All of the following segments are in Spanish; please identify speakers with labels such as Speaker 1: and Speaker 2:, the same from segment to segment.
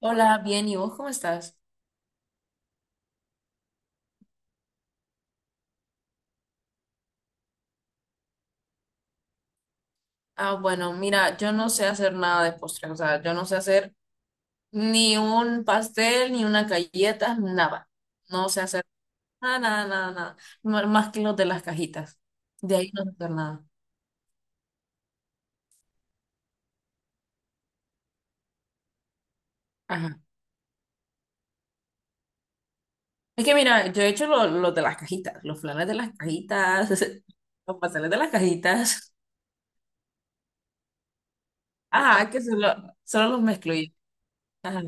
Speaker 1: Hola, bien, ¿y vos cómo estás? Ah, bueno, mira, yo no sé hacer nada de postre, o sea, yo no sé hacer ni un pastel, ni una galleta, nada. No sé hacer nada, nada, nada, nada. Más que los de las cajitas. De ahí no sé hacer nada. Ajá. Es que mira, yo he hecho los de las cajitas, los flanes de las cajitas, los pasteles de las cajitas. Ajá, que solo, solo los mezclo yo. Ajá.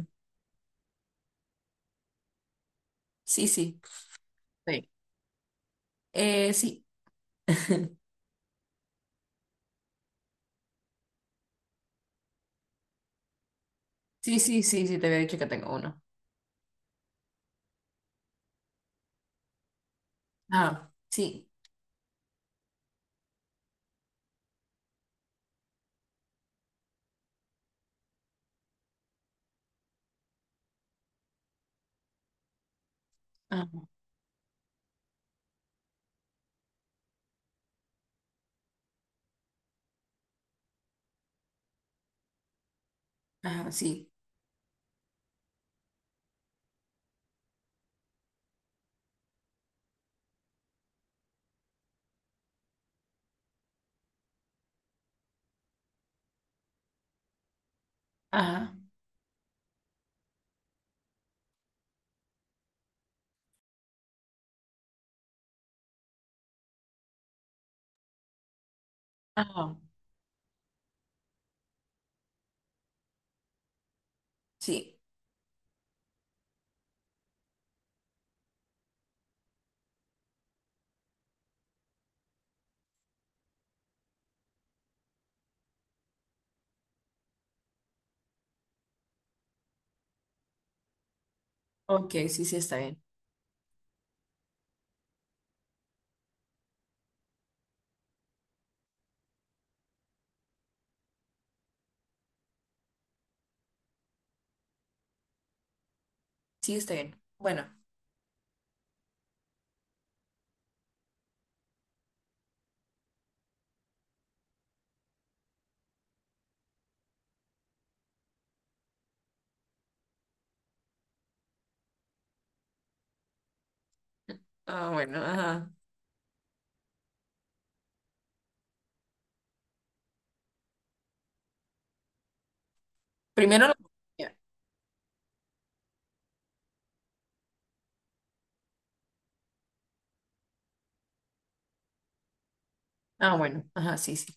Speaker 1: Sí, sí. Sí. Sí. Sí, sí, sí, sí, te había dicho que tengo uno. Ah, sí. Ajá, sí. Ajá. Ajá. Sí. Ok, sí, sí, está bien. Sí, está bien. Bueno. Ah, bueno, ajá. Primero la comida. Ah, bueno. Ajá, sí, sí.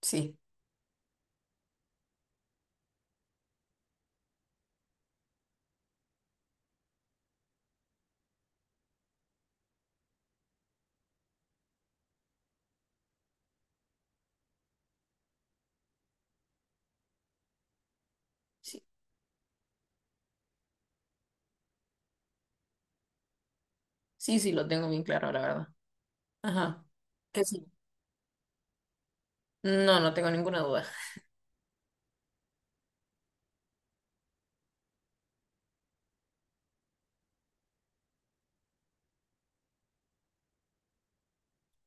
Speaker 1: Sí, sí. Sí, sí, lo tengo bien claro, la verdad. Ajá. ¿Qué sí? No, no tengo ninguna duda.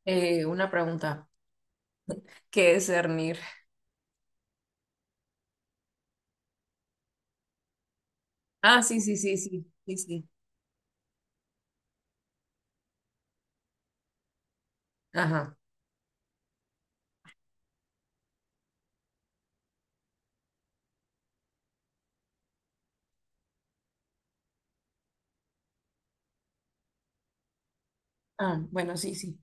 Speaker 1: Una pregunta. ¿Qué es cernir? Ah, sí, sí, sí, sí. Sí, sí. Ajá. Ah, bueno, sí, sí.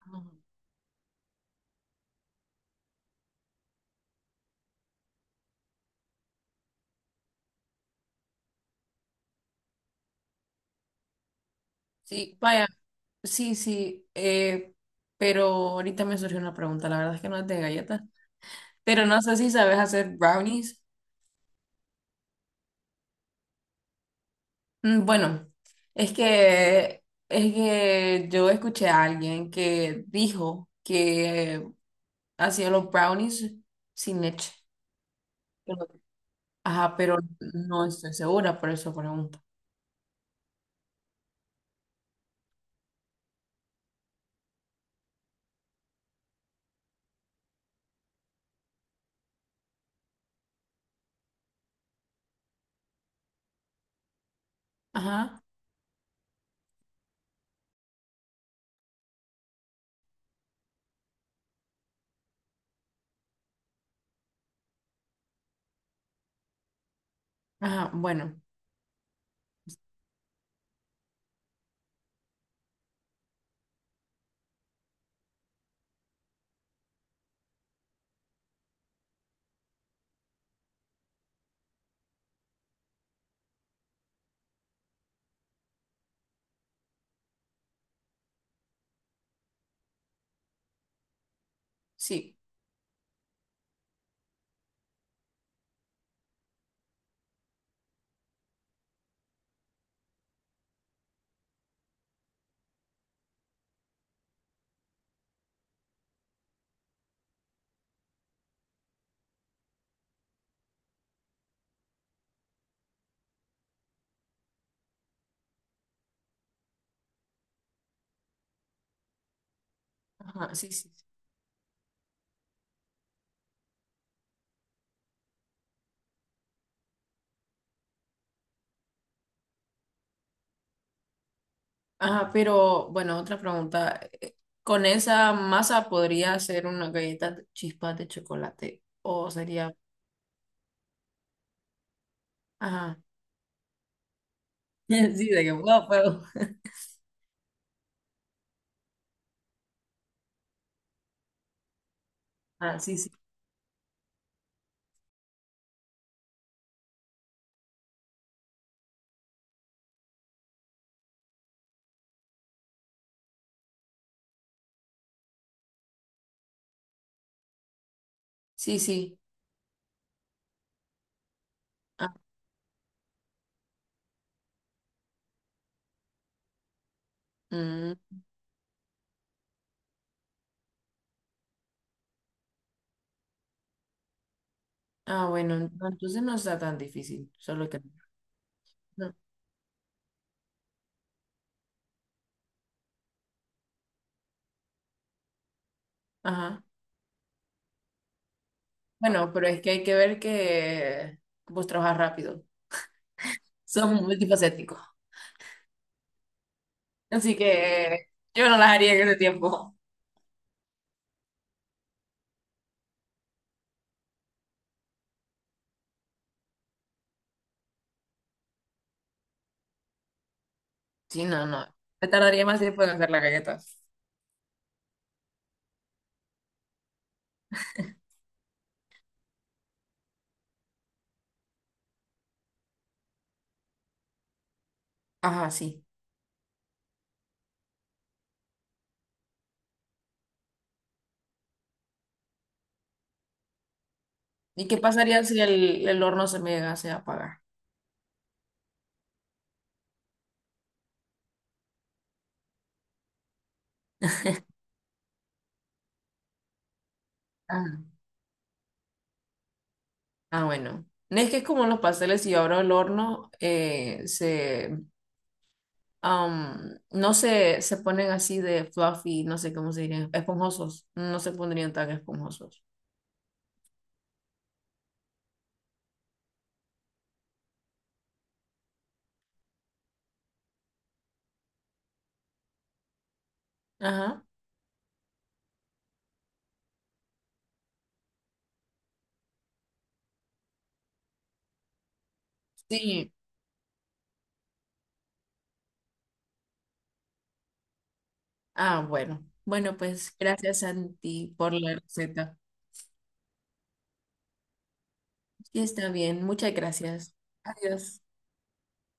Speaker 1: Ajá. Sí, vaya. Sí, sí. Pero ahorita me surgió una pregunta. La verdad es que no es de galletas. Pero no sé si sabes hacer brownies. Mm, bueno, es que yo escuché a alguien que dijo que hacía los brownies sin leche. Pero- Ajá, pero no estoy segura, por eso pregunto. Ajá, ajá, bueno, sí, ajá, sí, sí, sí. Ajá, pero bueno, otra pregunta. ¿Con esa masa podría hacer una galleta de chispas de chocolate? ¿O sería? Ajá, sí, de que wow, pero- Ah, sí, sí. Sí, sí. Ah, mm. Ah, bueno, no, entonces no está tan difícil, solo que... no. Ajá. Bueno, pero es que hay que ver que vos trabajas rápido. Son multifacético. Así que yo no las haría en ese tiempo. Sí, no, no. Me tardaría más tiempo en hacer las galletas. Ajá, sí. ¿Y qué pasaría si el horno se me llegase a apagar? Ah, ah, bueno. No, es que es como los pasteles, si yo abro el horno, se ponen así de fluffy, no sé cómo se dirían, esponjosos, no se pondrían tan esponjosos. Ajá. Sí. Ah, bueno. Bueno, pues gracias, Santi, por la receta. Y está bien, muchas gracias. Adiós.